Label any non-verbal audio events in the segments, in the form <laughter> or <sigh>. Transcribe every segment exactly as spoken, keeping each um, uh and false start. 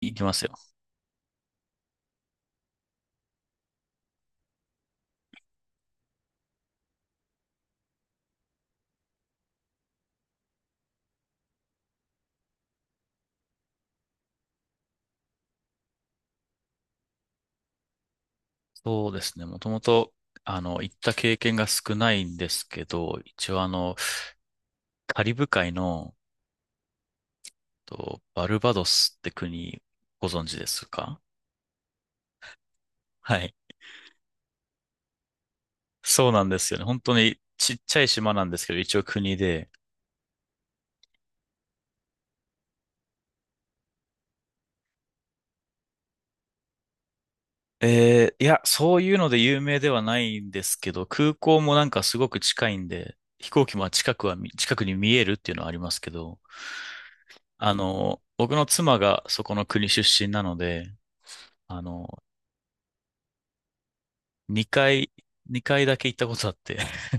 行きますよ。そうですね。もともと、あの、行った経験が少ないんですけど、一応あの、カリブ海の、と、バルバドスって国、ご存知ですか？はい。そうなんですよね。本当にちっちゃい島なんですけど、一応国で。えー、いや、そういうので有名ではないんですけど、空港もなんかすごく近いんで、飛行機も近くは見近くに見えるっていうのはありますけど、あの、僕の妻がそこの国出身なので、あの、にかい、にかいだけ行ったことあって、<laughs>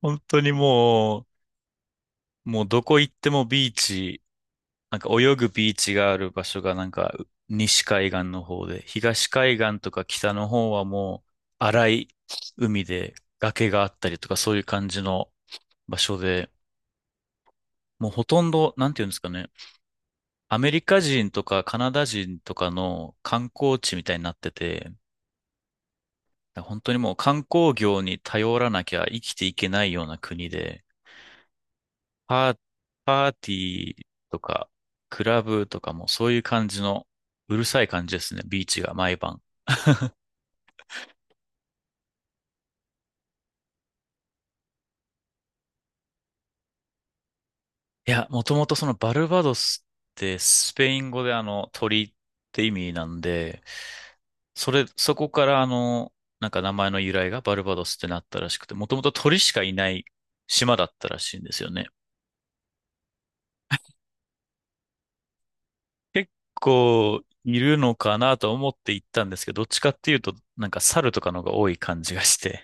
本当にもう、もうどこ行ってもビーチ、なんか泳ぐビーチがある場所がなんか西海岸の方で、東海岸とか北の方はもう荒い海で崖があったりとかそういう感じの場所で、もうほとんど、なんていうんですかね、アメリカ人とかカナダ人とかの観光地みたいになってて、本当にもう観光業に頼らなきゃ生きていけないような国で、パー、パーティーとか、クラブとかもそういう感じの、うるさい感じですね、ビーチが毎晩。いや、もともとそのバルバドスってスペイン語であの、鳥って意味なんで、それ、そこからあの、なんか名前の由来がバルバドスってなったらしくて、もともと鳥しかいない島だったらしいんですよね。結構いるのかなと思って行ったんですけど、どっちかっていうと、なんか猿とかのが多い感じがして。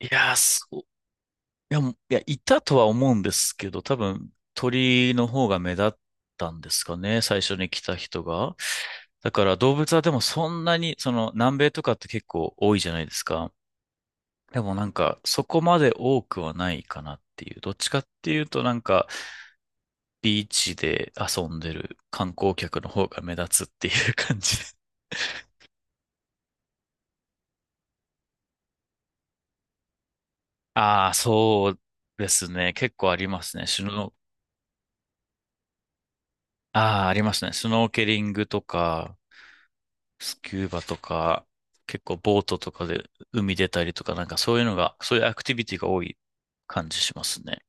いやー、そいや、もいや、いたとは思うんですけど、多分鳥の方が目立ったんですかね、最初に来た人が。だから動物はでもそんなに、その南米とかって結構多いじゃないですか。でもなんかそこまで多くはないかなっていう。どっちかっていうとなんかビーチで遊んでる観光客の方が目立つっていう <laughs> 感じで。<laughs> ああ、そうですね。結構ありますね。シュノ、ああ、ありますね。スノーケリングとか、スキューバとか、結構ボートとかで海出たりとか、なんかそういうのが、そういうアクティビティが多い感じしますね。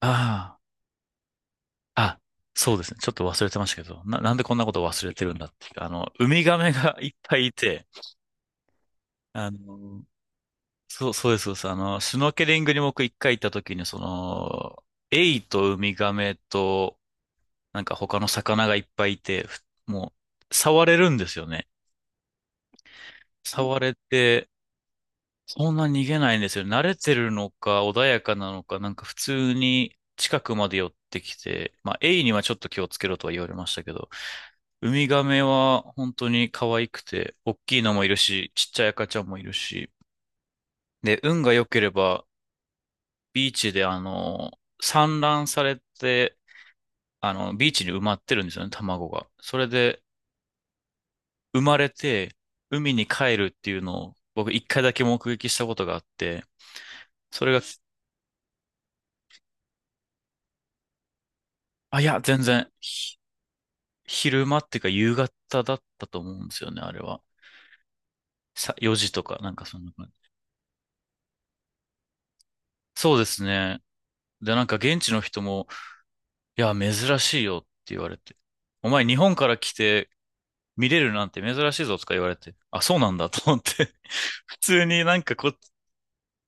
ああ、あ、そうですね。ちょっと忘れてましたけど、な、なんでこんなこと忘れてるんだっていう。あの、ウミガメが <laughs> いっぱいいて、あの、そう、そうです、そうです。あの、シュノーケリングに僕一回行った時に、その、エイとウミガメと、なんか他の魚がいっぱいいて、ふもう、触れるんですよね。触れて、そんな逃げないんですよ。慣れてるのか、穏やかなのか、なんか普通に近くまで寄ってきて、まあ、エイにはちょっと気をつけろとは言われましたけど、ウミガメは本当に可愛くて、大きいのもいるし、ちっちゃい赤ちゃんもいるし、で、運が良ければ、ビーチであの、産卵されて、あの、ビーチに埋まってるんですよね、卵が。それで、生まれて、海に帰るっていうのを、僕一回だけ目撃したことがあって、それが、あ、いや、全然、昼間っていうか夕方だったと思うんですよね、あれは。さ、よじとか、なんかそんな感じ。そうですね。で、なんか現地の人も、いや、珍しいよって言われて。お前日本から来て見れるなんて珍しいぞとか言われて。あ、そうなんだと思って。<laughs> 普通になんかこ、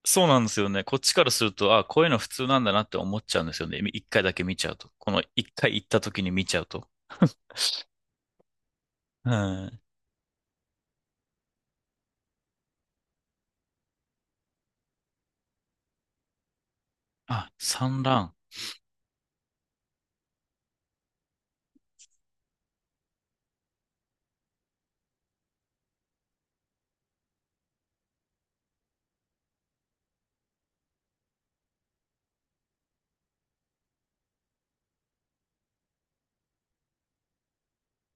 そうなんですよね。こっちからすると、あ、こういうの普通なんだなって思っちゃうんですよね。い一回だけ見ちゃうと。この一回行った時に見ちゃうと。うん。あ、産卵。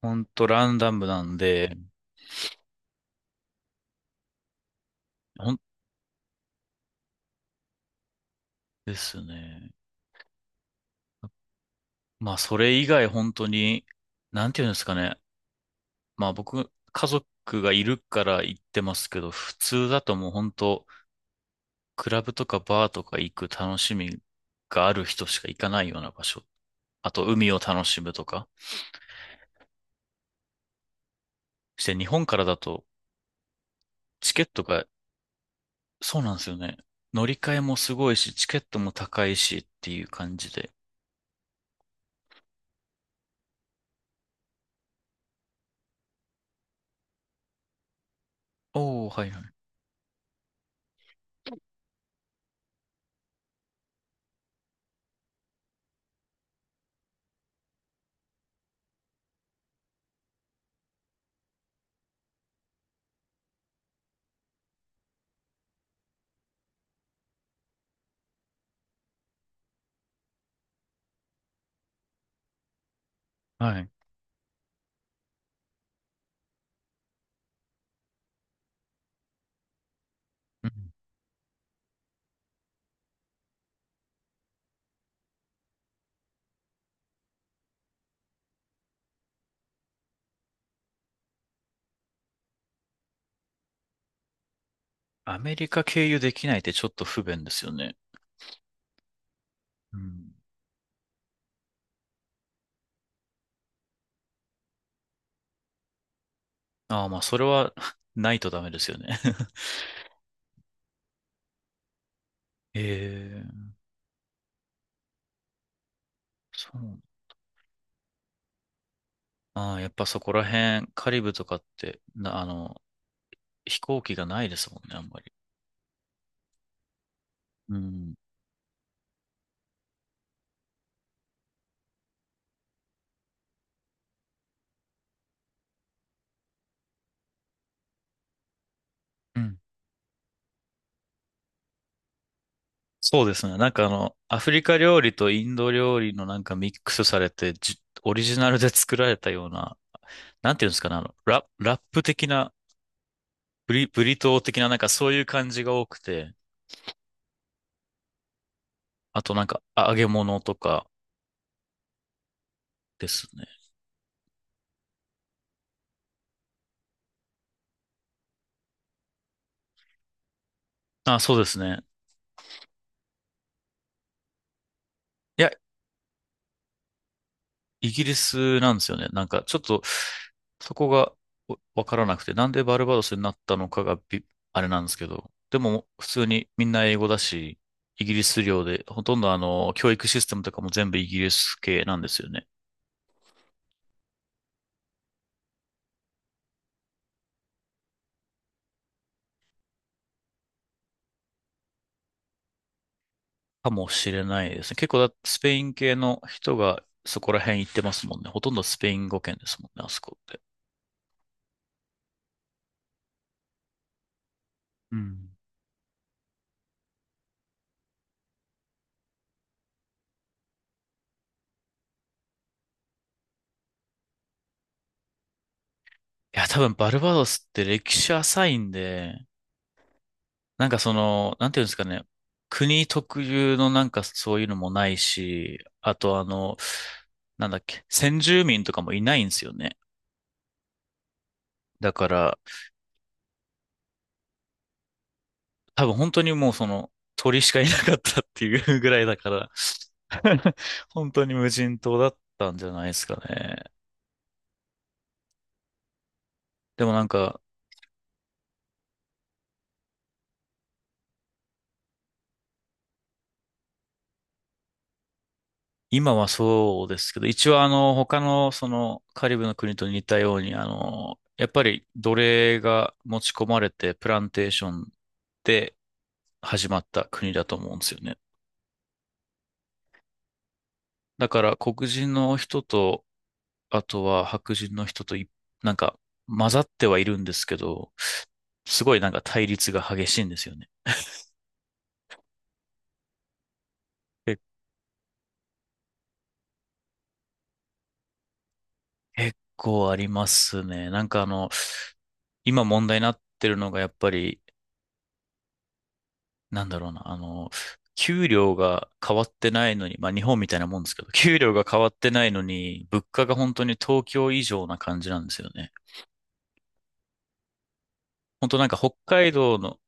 ほんとランダムなんで、ほんですね。まあ、それ以外本当に、なんていうんですかね。まあ、僕、家族がいるから行ってますけど、普通だともう本当、クラブとかバーとか行く楽しみがある人しか行かないような場所。あと、海を楽しむとか。して、日本からだと、チケットが、そうなんですよね。乗り換えもすごいし、チケットも高いしっていう感じで。おー、はいはい。はい。うん。アメリカ経由できないってちょっと不便ですよね。うん。ああ、まあ、それは <laughs> ないとダメですよね。ええ、そう。ああ、やっぱそこら辺、カリブとかって、な、あの、飛行機がないですもんね、あんまり。うん。うん。そうですね。なんかあの、アフリカ料理とインド料理のなんかミックスされて、じ、オリジナルで作られたような、なんていうんですかね、あの、ラ、ラップ的な、ブリ、ブリトー的な、なんかそういう感じが多くて、あとなんかあ揚げ物とかですね。あ、そうですね。いや、イギリスなんですよね。なんかちょっとそこがおわからなくて、なんでバルバドスになったのかがびあれなんですけど、でも普通にみんな英語だし、イギリス領で、ほとんどあの、教育システムとかも全部イギリス系なんですよね。かもしれないですね。結構だ、スペイン系の人がそこら辺行ってますもんね。ほとんどスペイン語圏ですもんね、あそこって。うん。いや、多分バルバドスって歴史浅いんで、なんかその、なんていうんですかね、国特有のなんかそういうのもないし、あとあの、なんだっけ、先住民とかもいないんですよね。だから、多分本当にもうその、鳥しかいなかったっていうぐらいだから、<laughs> 本当に無人島だったんじゃないですかね。でもなんか、今はそうですけど、一応あの、他のその、カリブの国と似たように、あの、やっぱり奴隷が持ち込まれて、プランテーションで始まった国だと思うんですよね。だから黒人の人と、あとは白人の人とい、なんか混ざってはいるんですけど、すごいなんか対立が激しいんですよね。え結構ありますね。なんかあの、今問題になってるのがやっぱり、なんだろうな、あの、給料が変わってないのに、まあ日本みたいなもんですけど、<laughs> 給料が変わってないのに、物価が本当に東京以上な感じなんですよね。本当なんか北海道の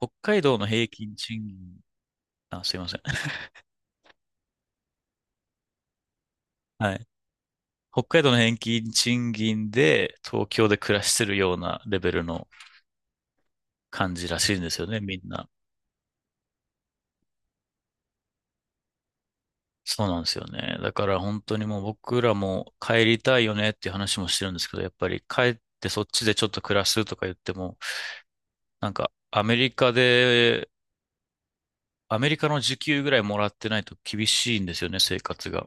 北海道の平均賃金、あ、すいません。はい。北海道の平均賃金で東京で暮らしてるようなレベルの感じらしいんですよね、みんな。そうなんですよね。だから本当にもう僕らも帰りたいよねっていう話もしてるんですけど、やっぱり帰ってそっちでちょっと暮らすとか言っても、なんかアメリカで、アメリカの時給ぐらいもらってないと厳しいんですよね、生活が。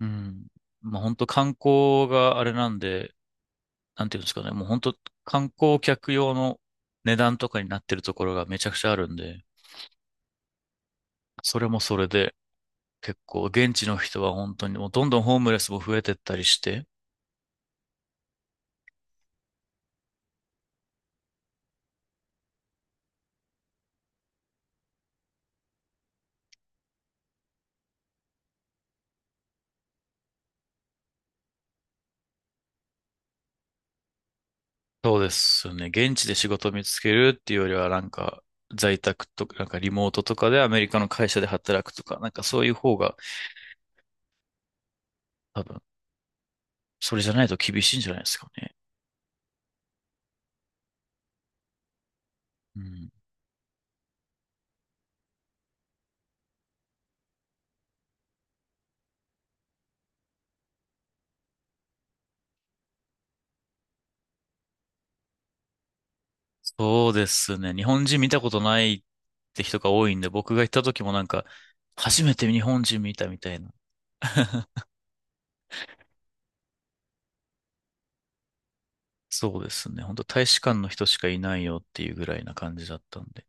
うん。まあ本当観光があれなんで、なんていうんですかね、もう本当観光客用の値段とかになってるところがめちゃくちゃあるんで、それもそれで結構現地の人は本当にもうどんどんホームレスも増えてったりして、そうですよね、現地で仕事を見つけるっていうよりはなんか在宅とか、なんかリモートとかでアメリカの会社で働くとか、なんかそういう方が多分、それじゃないと厳しいんじゃないですかね。うん。そうですね、日本人見たことないって人が多いんで、僕が行った時もなんか、初めて日本人見たみたいな。そうですね。本当大使館の人しかいないよっていうぐらいな感じだったんで。